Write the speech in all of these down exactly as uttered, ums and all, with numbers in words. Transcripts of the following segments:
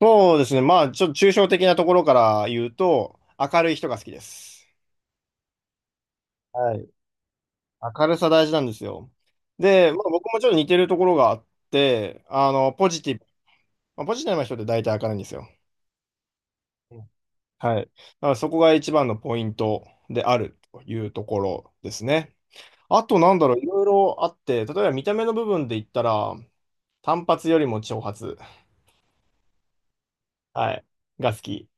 そうですね。まあ、ちょっと抽象的なところから言うと、明るい人が好きです。はい。明るさ大事なんですよ。で、まあ、僕もちょっと似てるところがあって、あの、ポジティブ。まあ、ポジティブな人って大体明るいんですよ。うん。はい。だからそこが一番のポイントであるというところですね。あと、なんだろう、いろいろあって、例えば見た目の部分で言ったら、単発よりも長髪。はい。が好き。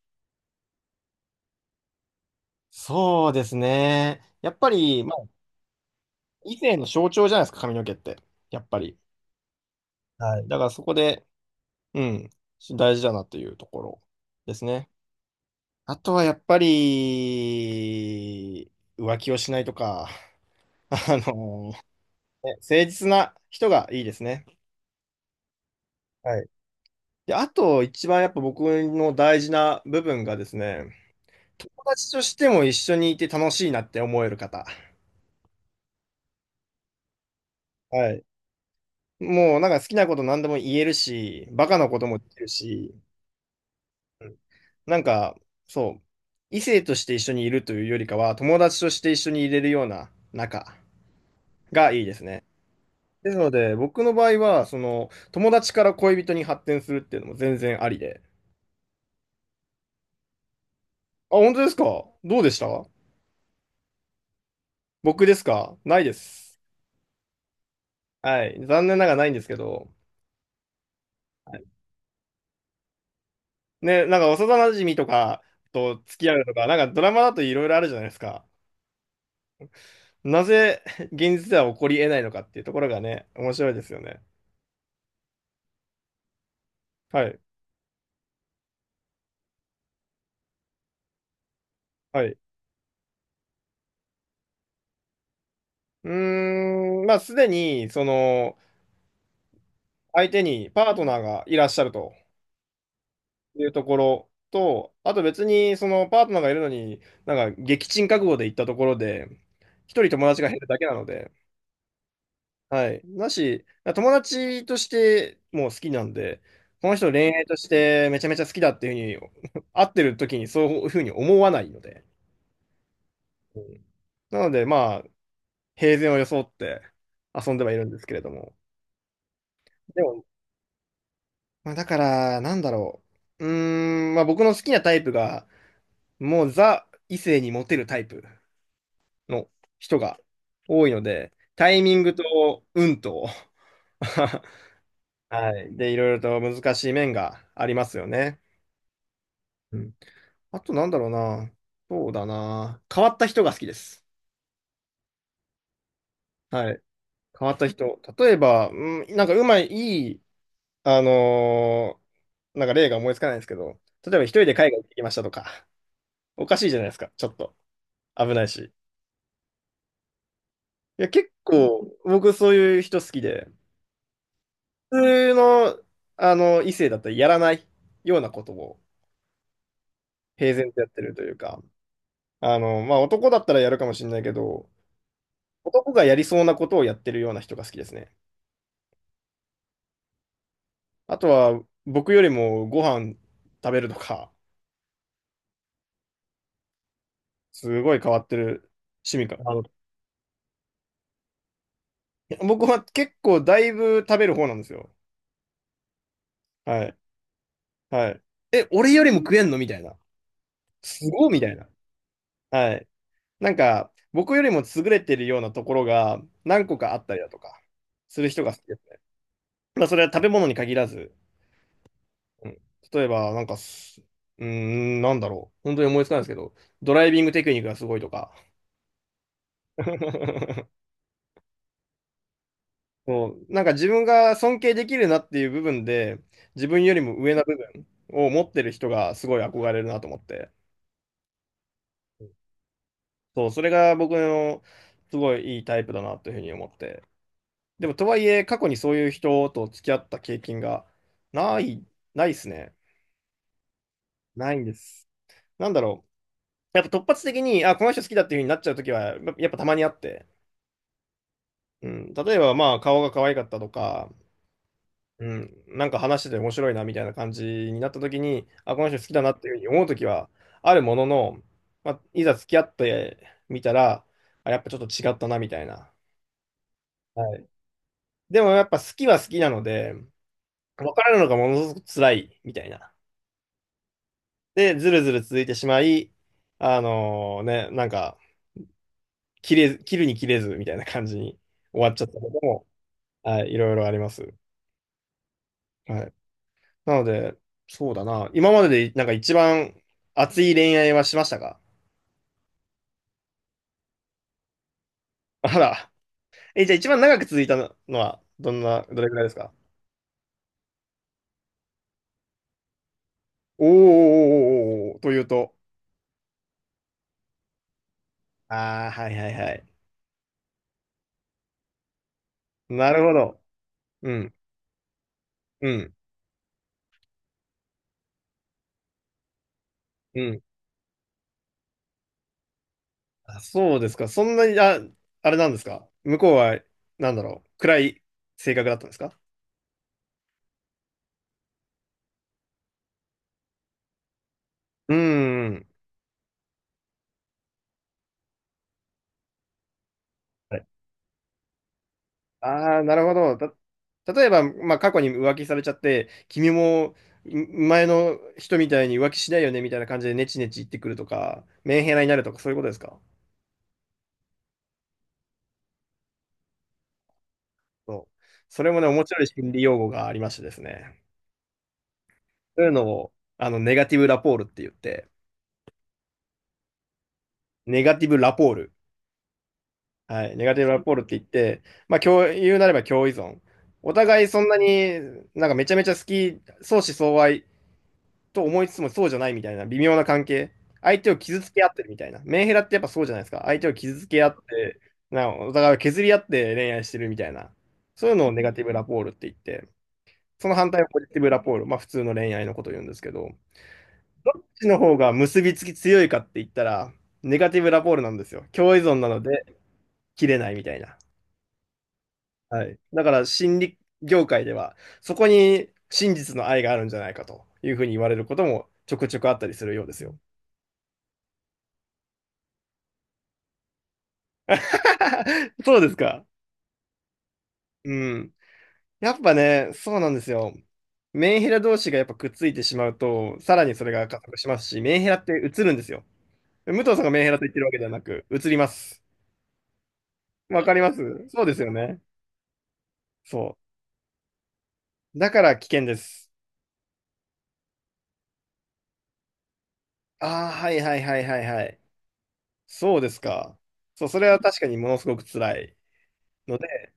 そうですね。やっぱり、まあ以前の象徴じゃないですか、髪の毛って。やっぱり。はい。だからそこで、うん、大事だなというところですね。あとはやっぱり、浮気をしないとか、あのね、誠実な人がいいですね。はい。で、あと一番やっぱ僕の大事な部分がですね、友達としても一緒にいて楽しいなって思える方。はい。もうなんか好きなこと何でも言えるし、バカなこともできるし、なんか、そう、異性として一緒にいるというよりかは、友達として一緒にいれるような仲がいいですね。ですので、僕の場合は、その、友達から恋人に発展するっていうのも全然ありで。あ、本当ですか？どうでした？僕ですか？ないです。はい。残念ながらないんですけど。はい。ね、なんか幼馴染とかと付き合うとか、なんかドラマだといろいろあるじゃないですか。なぜ現実では起こり得ないのかっていうところがね、面白いですよね。はい。はい。うーん、まあ、すでに、その、相手にパートナーがいらっしゃるというところと、あと別に、その、パートナーがいるのに、なんか、撃沈覚悟で行ったところで、一人友達が減るだけなので、はい。だし、友達としてもう好きなんで、この人恋愛としてめちゃめちゃ好きだっていうふうに、会ってる時にそういうふうに思わないので、うん。なので、まあ、平然を装って遊んではいるんですけれども、でも、まあ、だから、なんだろう。うーん、まあ僕の好きなタイプが、もうザ異性にモテるタイプの人が多いので、タイミングと運と、はい。で、いろいろと難しい面がありますよね。うん。あとなんだろうな。そうだな。変わった人が好きです。はい。変わった人。例えば、うん、なんかうまい、いい、あのーなんか例が思いつかないんですけど、例えば一人で海外行ってきましたとか、おかしいじゃないですか、ちょっと。危ないし。いや、結構、僕そういう人好きで、普通の、あの、異性だったらやらないようなことを平然とやってるというか、あの、まあ、男だったらやるかもしれないけど、男がやりそうなことをやってるような人が好きですね。あとは、僕よりもご飯食べるとか、すごい変わってる趣味かな。あの、僕は結構だいぶ食べる方なんですよ。はい。はい。え、俺よりも食えんのみたいな。すごいみたいな。はい。なんか、僕よりも優れてるようなところが何個かあったりだとか、する人が好きですね。まあ、それは食べ物に限らず、うん、例えば、なんかす、うーん、なんだろう。本当に思いつかないですけど、ドライビングテクニックがすごいとか。そう、なんか自分が尊敬できるなっていう部分で、自分よりも上な部分を持ってる人がすごい憧れるなと思って、そう、それが僕のすごいいいタイプだなというふうに思って。でも、とはいえ、過去にそういう人と付き合った経験がない、ないですね。ないんです。なんだろう。やっぱ突発的に、あ、この人好きだっていう風になっちゃうときは、やっぱやっぱたまにあって。うん。例えば、まあ、顔が可愛かったとか、うん。なんか話してて面白いな、みたいな感じになったときに、あ、この人好きだなっていう風に思うときは、あるものの、まあ、いざ付き合ってみたら、あ、やっぱちょっと違ったな、みたいな。はい。でも、やっぱ好きは好きなので、分からるのがものすごく辛い、みたいな。で、ずるずる続いてしまい、あのね、なんか、切れ、切るに切れずみたいな感じに終わっちゃったことも、はい、いろいろあります。はい。なので、そうだな。今までで、なんか一番熱い恋愛はしましたか？あら。え、じゃあ一番長く続いたのは、どんな、どれくらいですか？おーおーおーおーおーおー、というと。ああ、はいはいはい。なるほど。うん、うん、うん。あ、そうですか。そんなに、あ、あれなんですか。向こうは、なんだろう。暗い性格だったんですか？うーん。はい。ああー、なるほど。た、例えば、まあ、過去に浮気されちゃって、君もん前の人みたいに浮気しないよねみたいな感じでネチネチ言ってくるとか、メンヘラになるとか、そういうことですか？そう。それもね、面白い心理用語がありましてですね。そういうのを、あの、ネガティブラポールって言って、ネガティブラポール。はい、ネガティブラポールって言って、まあ、共言うなれば共依存。お互いそんなになんかめちゃめちゃ好き、相思相愛と思いつつもそうじゃないみたいな微妙な関係。相手を傷つけ合ってるみたいな。メンヘラってやっぱそうじゃないですか。相手を傷つけ合って、なんかお互いを削り合って恋愛してるみたいな。そういうのをネガティブラポールって言って、その反対をポジティブラポール、まあ普通の恋愛のことを言うんですけど、どっちの方が結びつき強いかって言ったら、ネガティブラポールなんですよ。共依存なので切れないみたいな。はい。だから心理業界では、そこに真実の愛があるんじゃないかというふうに言われることもちょくちょくあったりするようですよ。そうですか。うん。やっぱね、そうなんですよ。メンヘラ同士がやっぱくっついてしまうと、さらにそれが加速しますし、メンヘラって映るんですよ。武藤さんがメンヘラと言ってるわけではなく、映ります。わかります。そうですよね。そう。だから危険です。ああ、はいはいはいはいはい。そうですか。そう、それは確かにものすごく辛いので、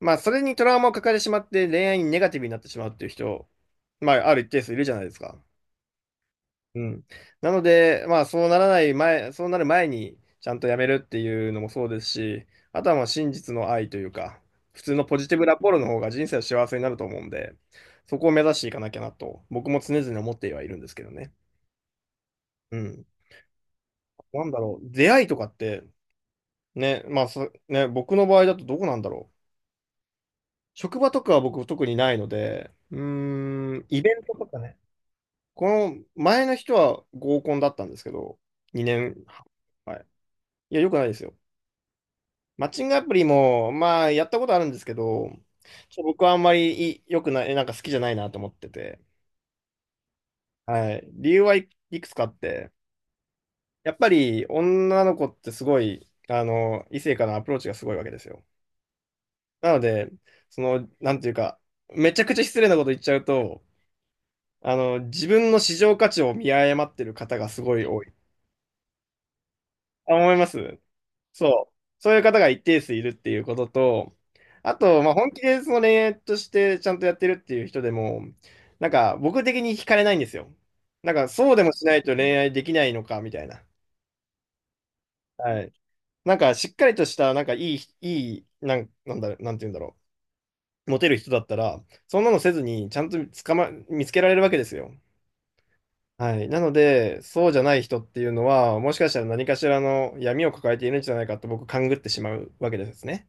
まあ、それにトラウマを抱えてしまって恋愛にネガティブになってしまうっていう人、まあ、ある一定数いるじゃないですか。うん。なので、まあ、そうならない前、そうなる前に、ちゃんとやめるっていうのもそうですし、あとはもう真実の愛というか、普通のポジティブラポロの方が人生は幸せになると思うんで、そこを目指していかなきゃなと、僕も常々思ってはいるんですけどね。うん。なんだろう、出会いとかって、ね、まあ、そ、ね、僕の場合だとどこなんだろう。職場とかは僕特にないので、うーん、イベントとかね、この前の人は合コンだったんですけど、にねんはん。はい。いや、よくないですよ。マッチングアプリも、まあ、やったことあるんですけど、ちょっと僕はあんまりい良くない、なんか好きじゃないなと思ってて。はい。理由はい、いくつかあって、やっぱり女の子ってすごい、あの、異性からのアプローチがすごいわけですよ。なので、その、なんていうか、めちゃくちゃ失礼なこと言っちゃうと、あの、自分の市場価値を見誤ってる方がすごい多い。あ、思います？そう、そういう方が一定数いるっていうことと、あと、まあ、本気でその恋愛としてちゃんとやってるっていう人でも、なんか僕的に惹かれないんですよ。なんかそうでもしないと恋愛できないのかみたいな。はい。なんかしっかりとした、なんかいい、いい、なん、なんだ、なんて言うんだろう。モテる人だったら、そんなのせずに、ちゃんと捕ま、見つけられるわけですよ。はい。なので、そうじゃない人っていうのは、もしかしたら何かしらの闇を抱えているんじゃないかと僕、勘ぐってしまうわけですね。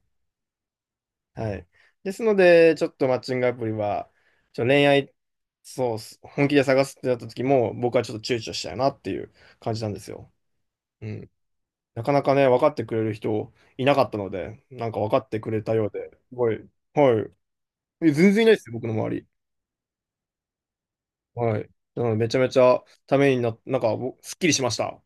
はい。ですので、ちょっとマッチングアプリは、ちょっと恋愛、そうっす、本気で探すってなった時も、僕はちょっと躊躇したよなっていう感じなんですよ。うん。なかなかね、分かってくれる人いなかったので、なんか分かってくれたようで、すごい、はい。え、全然いないですよ、僕の周り。はい。なので、めちゃめちゃためにな、なんか、ぼ、すっきりしました。